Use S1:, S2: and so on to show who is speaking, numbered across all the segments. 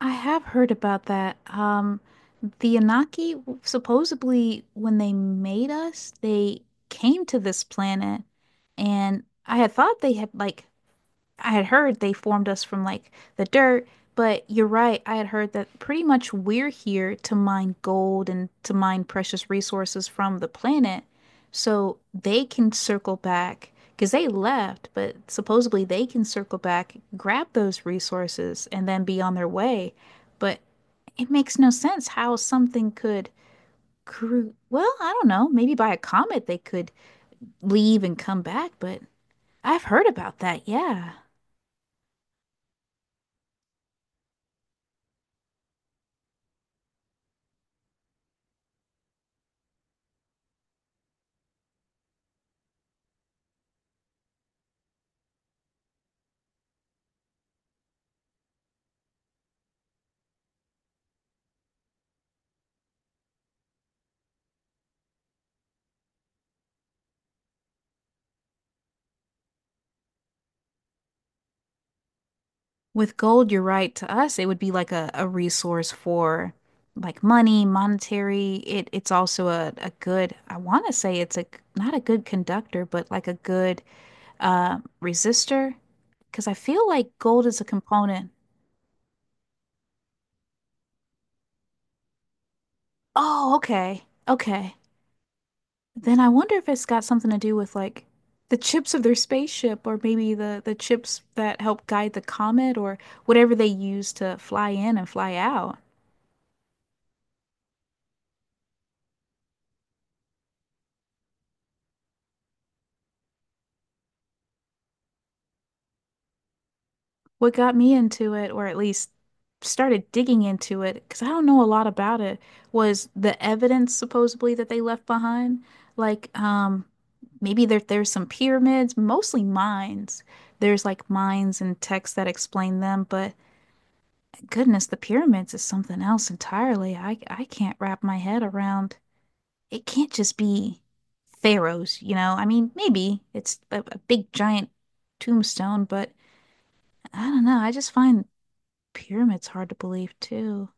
S1: I have heard about that. The Anunnaki, supposedly, when they made us, they came to this planet, and I had thought they had I had heard they formed us from like the dirt, but you're right. I had heard that pretty much we're here to mine gold and to mine precious resources from the planet. So they can circle back because they left, but supposedly they can circle back, grab those resources, and then be on their way. But it makes no sense how something could crew. Well, I don't know. Maybe by a comet they could leave and come back, but I've heard about that. Yeah. With gold, you're right. To us, it would be like a resource for like money, monetary. It's also a good, I want to say it's a not a good conductor, but like a good resistor. Because I feel like gold is a component. Oh, okay. Okay. Then I wonder if it's got something to do with like the chips of their spaceship or maybe the chips that help guide the comet or whatever they use to fly in and fly out. What got me into it, or at least started digging into it, because I don't know a lot about it, was the evidence supposedly that they left behind. Like, maybe there's some pyramids, mostly mines. There's like mines and texts that explain them, but goodness, the pyramids is something else entirely. I can't wrap my head around. It can't just be pharaohs, you know? I mean, maybe it's a big giant tombstone, but I don't know. I just find pyramids hard to believe too.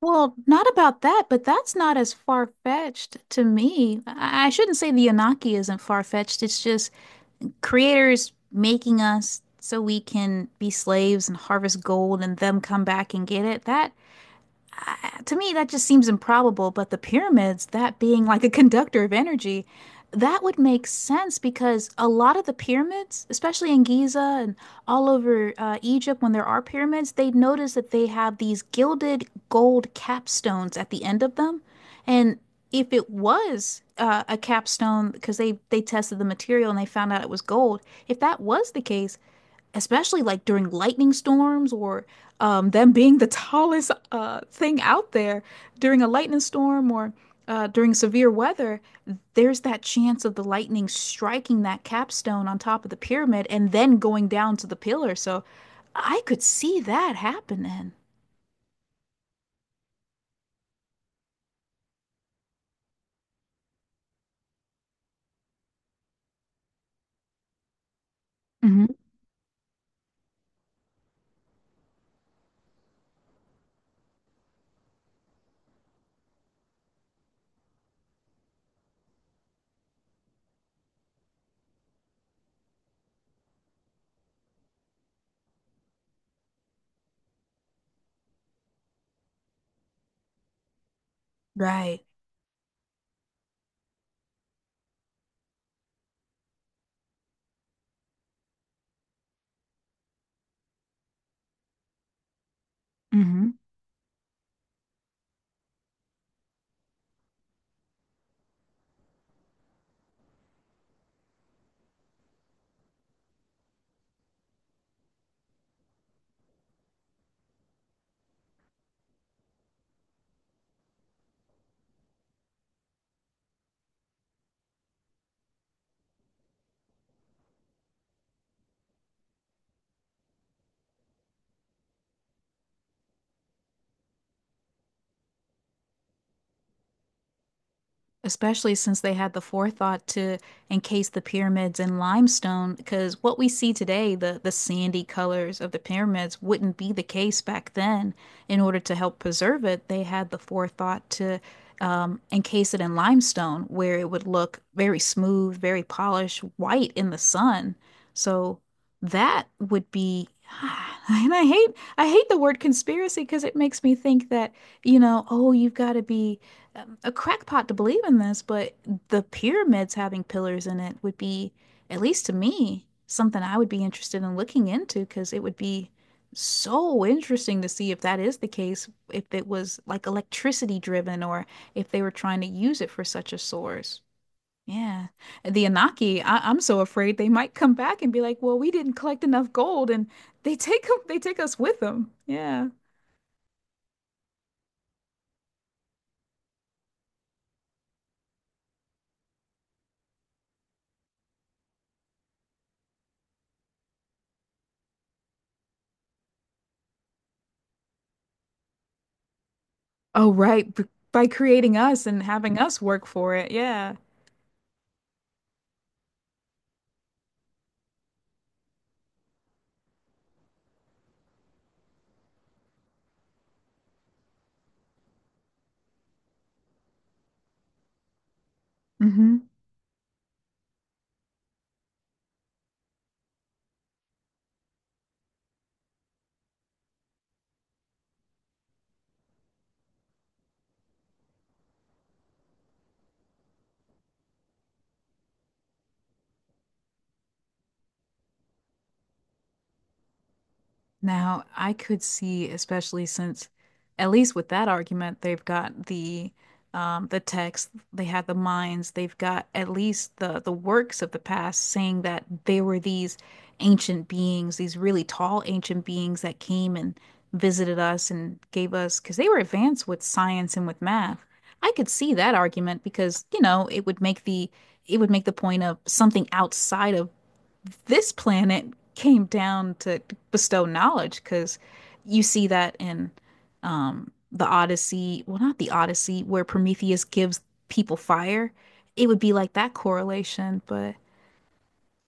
S1: Well, not about that, but that's not as far-fetched to me. I shouldn't say the Anunnaki isn't far-fetched. It's just creators making us so we can be slaves and harvest gold and them come back and get it. That to me, that just seems improbable, but the pyramids, that being like a conductor of energy, that would make sense because a lot of the pyramids, especially in Giza and all over Egypt, when there are pyramids, they notice that they have these gilded gold capstones at the end of them. And if it was a capstone, because they tested the material and they found out it was gold, if that was the case, especially like during lightning storms or them being the tallest thing out there during a lightning storm or during severe weather, there's that chance of the lightning striking that capstone on top of the pyramid and then going down to the pillar. So I could see that happening. Hmm. Right. Especially since they had the forethought to encase the pyramids in limestone, because what we see today, the sandy colors of the pyramids, wouldn't be the case back then. In order to help preserve it, they had the forethought to encase it in limestone, where it would look very smooth, very polished, white in the sun. So that would be, and I hate the word conspiracy because it makes me think that, you know, oh, you've got to be a crackpot to believe in this, but the pyramids having pillars in it would be, at least to me, something I would be interested in looking into because it would be so interesting to see if that is the case, if it was like electricity driven or if they were trying to use it for such a source. Yeah. The Anaki, I'm so afraid they might come back and be like, well, we didn't collect enough gold and they take us with them. Yeah. Oh, right. By creating us and having us work for it. Yeah. Hmm. Now, I could see, especially since, at least with that argument, they've got the text, they have the minds, they've got at least the works of the past saying that they were these ancient beings, these really tall ancient beings that came and visited us and gave us, because they were advanced with science and with math. I could see that argument because, you know, it would make the point of something outside of this planet came down to bestow knowledge because you see that in the Odyssey. Well, not the Odyssey, where Prometheus gives people fire. It would be like that correlation, but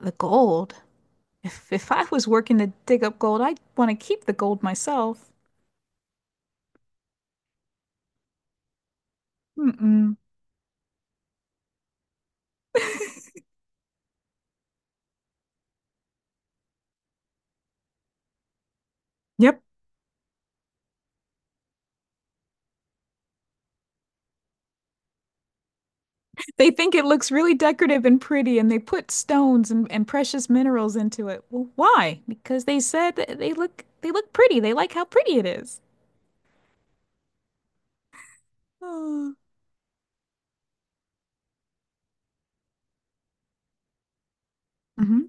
S1: the gold. If I was working to dig up gold, I'd want to keep the gold myself. Mm-mm. Yep. They think it looks really decorative and pretty, and they put stones and precious minerals into it. Well, why? Because they said that they look pretty. They like how pretty it is. Oh, hmm,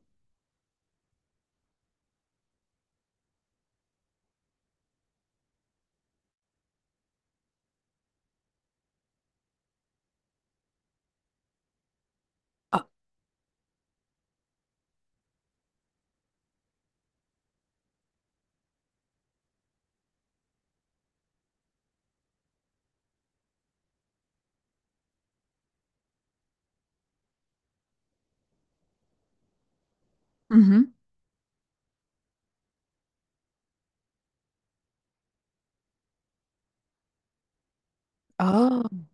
S1: hmm, oh,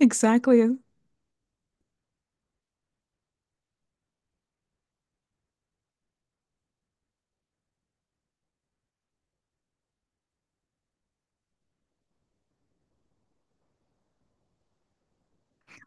S1: exactly.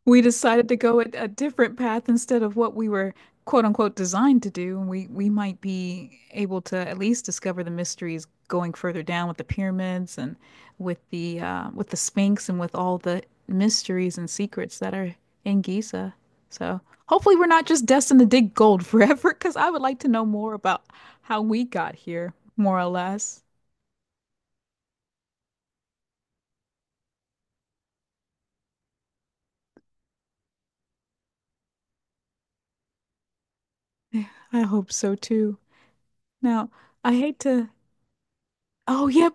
S1: We decided to go a different path instead of what we were quote unquote designed to do. And we might be able to at least discover the mysteries going further down with the pyramids and with the Sphinx and with all the mysteries and secrets that are in Giza. So hopefully we're not just destined to dig gold forever, because I would like to know more about how we got here, more or less. I hope so too. Now, I hate to. Oh, yep,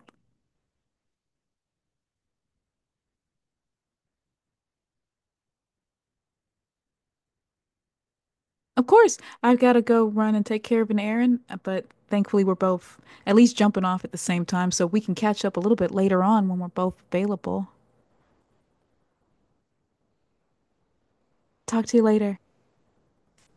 S1: of course. I've got to go run and take care of an errand, but thankfully we're both at least jumping off at the same time, so we can catch up a little bit later on when we're both available. Talk to you later.